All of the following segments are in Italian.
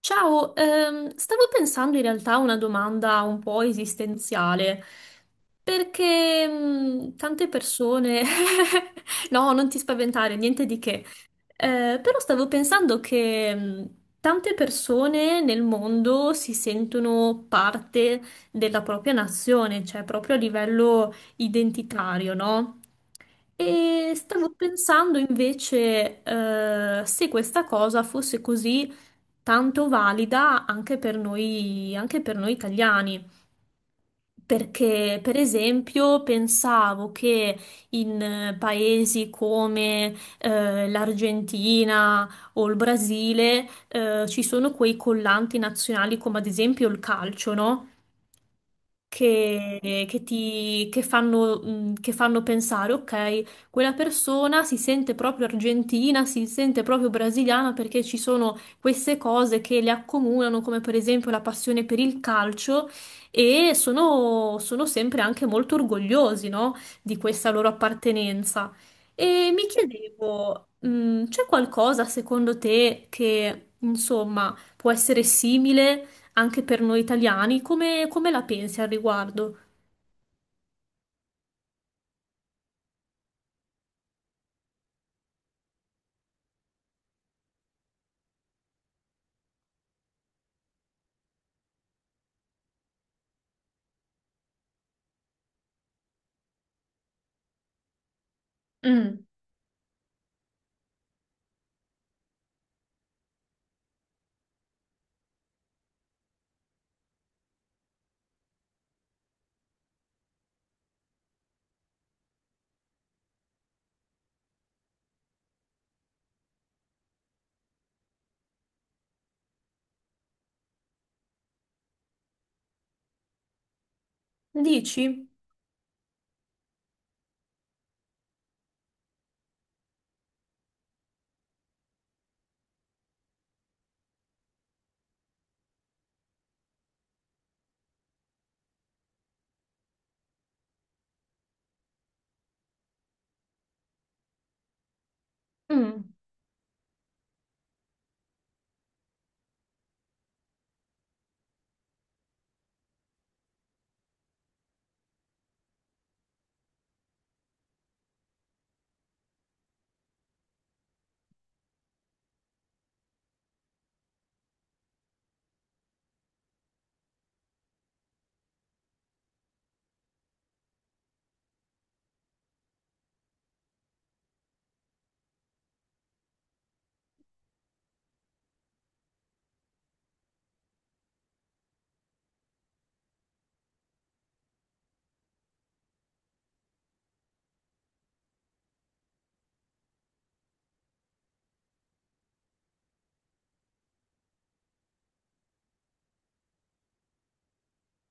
Ciao, stavo pensando in realtà a una domanda un po' esistenziale, perché tante persone... No, non ti spaventare, niente di che. Però stavo pensando che tante persone nel mondo si sentono parte della propria nazione, cioè proprio a livello identitario, no? E stavo pensando invece se questa cosa fosse così tanto valida anche per noi italiani. Perché, per esempio, pensavo che in paesi come l'Argentina o il Brasile ci sono quei collanti nazionali come ad esempio il calcio, no? che fanno pensare, ok, quella persona si sente proprio argentina, si sente proprio brasiliana perché ci sono queste cose che le accomunano, come per esempio la passione per il calcio, e sono sempre anche molto orgogliosi, no, di questa loro appartenenza. E mi chiedevo, c'è qualcosa secondo te che, insomma, può essere simile anche per noi italiani, come, come la pensi al riguardo? Mm. Dici? Mm,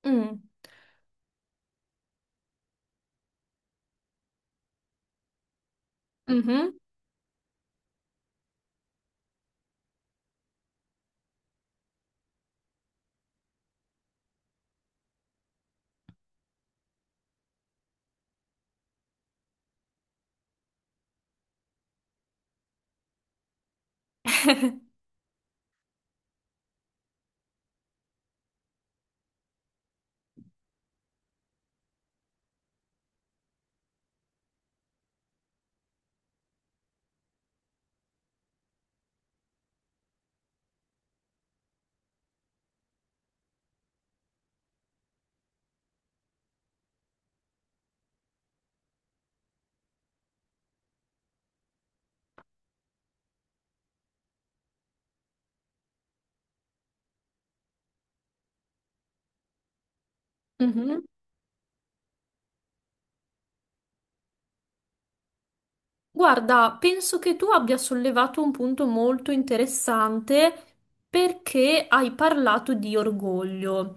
mm, mhm, mhm. Guarda, penso che tu abbia sollevato un punto molto interessante perché hai parlato di orgoglio.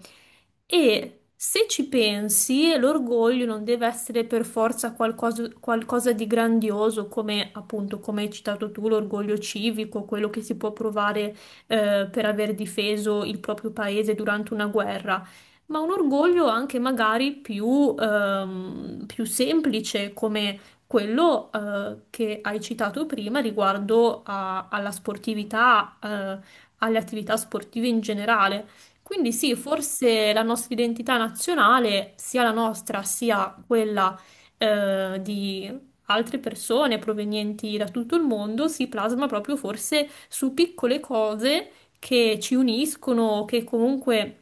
E se ci pensi, l'orgoglio non deve essere per forza qualcosa, qualcosa di grandioso, come appunto, come hai citato tu, l'orgoglio civico, quello che si può provare per aver difeso il proprio paese durante una guerra. Ma un orgoglio anche magari più, più semplice, come quello che hai citato prima riguardo alla sportività, alle attività sportive in generale. Quindi sì, forse la nostra identità nazionale, sia la nostra sia quella di altre persone provenienti da tutto il mondo, si plasma proprio forse su piccole cose che ci uniscono, che comunque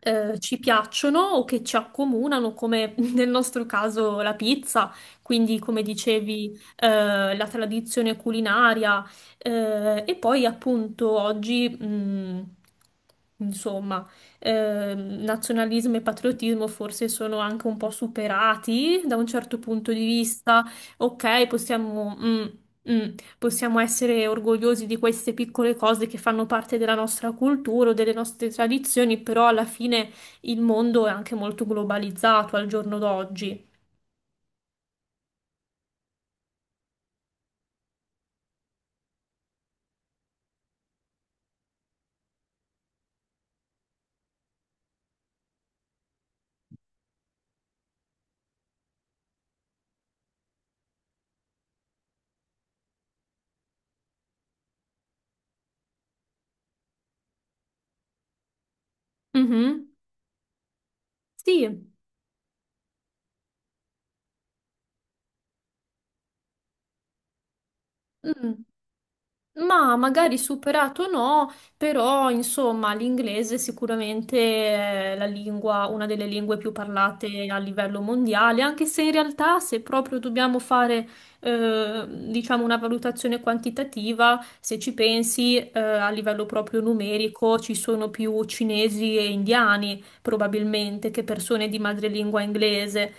ci piacciono o che ci accomunano, come nel nostro caso la pizza. Quindi, come dicevi, la tradizione culinaria, e poi appunto oggi, insomma, nazionalismo e patriottismo forse sono anche un po' superati da un certo punto di vista. Ok, possiamo, possiamo essere orgogliosi di queste piccole cose che fanno parte della nostra cultura o delle nostre tradizioni, però alla fine il mondo è anche molto globalizzato al giorno d'oggi. Mhm. Sì, mm, ma magari superato no, però insomma l'inglese è sicuramente è la lingua, una delle lingue più parlate a livello mondiale, anche se in realtà se proprio dobbiamo fare eh, diciamo una valutazione quantitativa, se ci pensi a livello proprio numerico ci sono più cinesi e indiani probabilmente che persone di madrelingua inglese.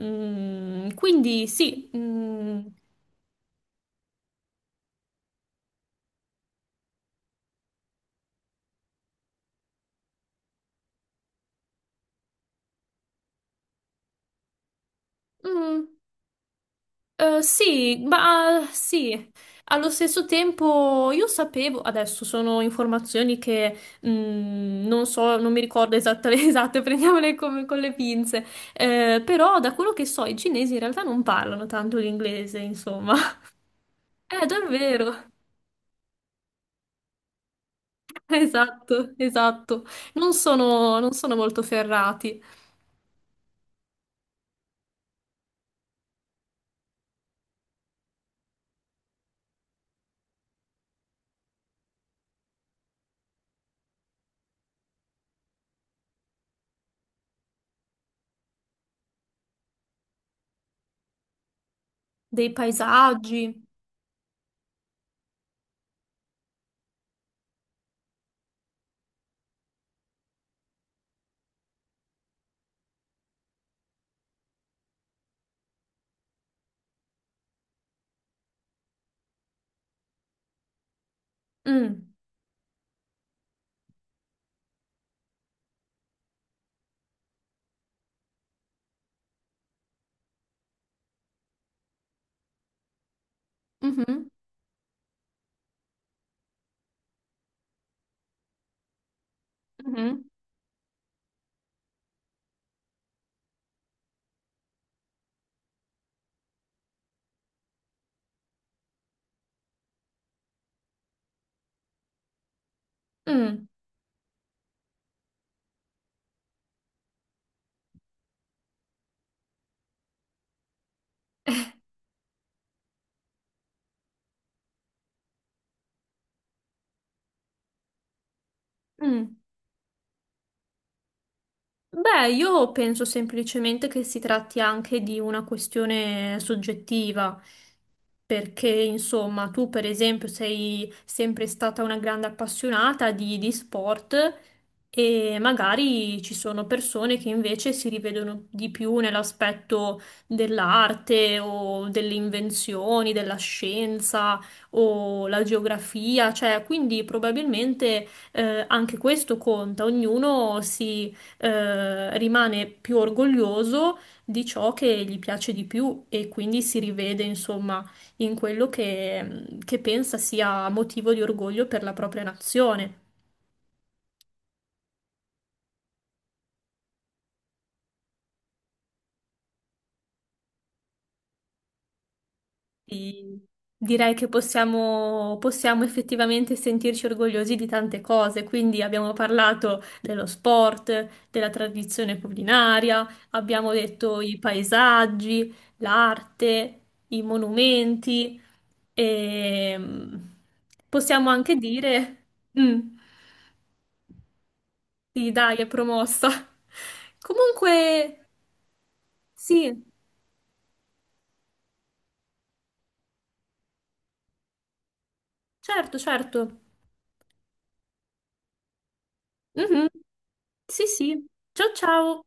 Mm, quindi sì. Mm, mm. Sì, ma ah, sì, allo stesso tempo io sapevo, adesso sono informazioni che non so, non mi ricordo esatte, esatte, prendiamole con le pinze. Però da quello che so i cinesi in realtà non parlano tanto l'inglese, insomma. Davvero, esatto, esatto, non sono molto ferrati dei paesaggi. Mm. Mhm, mhm, mm, mm. Beh, io penso semplicemente che si tratti anche di una questione soggettiva, perché insomma tu per esempio sei sempre stata una grande appassionata di sport e magari ci sono persone che invece si rivedono di più nell'aspetto dell'arte o delle invenzioni, della scienza o la geografia, cioè quindi probabilmente anche questo conta, ognuno si rimane più orgoglioso di ciò che gli piace di più e quindi si rivede, insomma, in quello che pensa sia motivo di orgoglio per la propria nazione. Sì, direi che possiamo, possiamo effettivamente sentirci orgogliosi di tante cose, quindi abbiamo parlato dello sport, della tradizione culinaria, abbiamo detto i paesaggi, l'arte, i monumenti e mm, possiamo anche dire, mm, sì, dai, è promossa. Comunque, sì, certo, certo. Mhm, sì, sì. Ciao, ciao.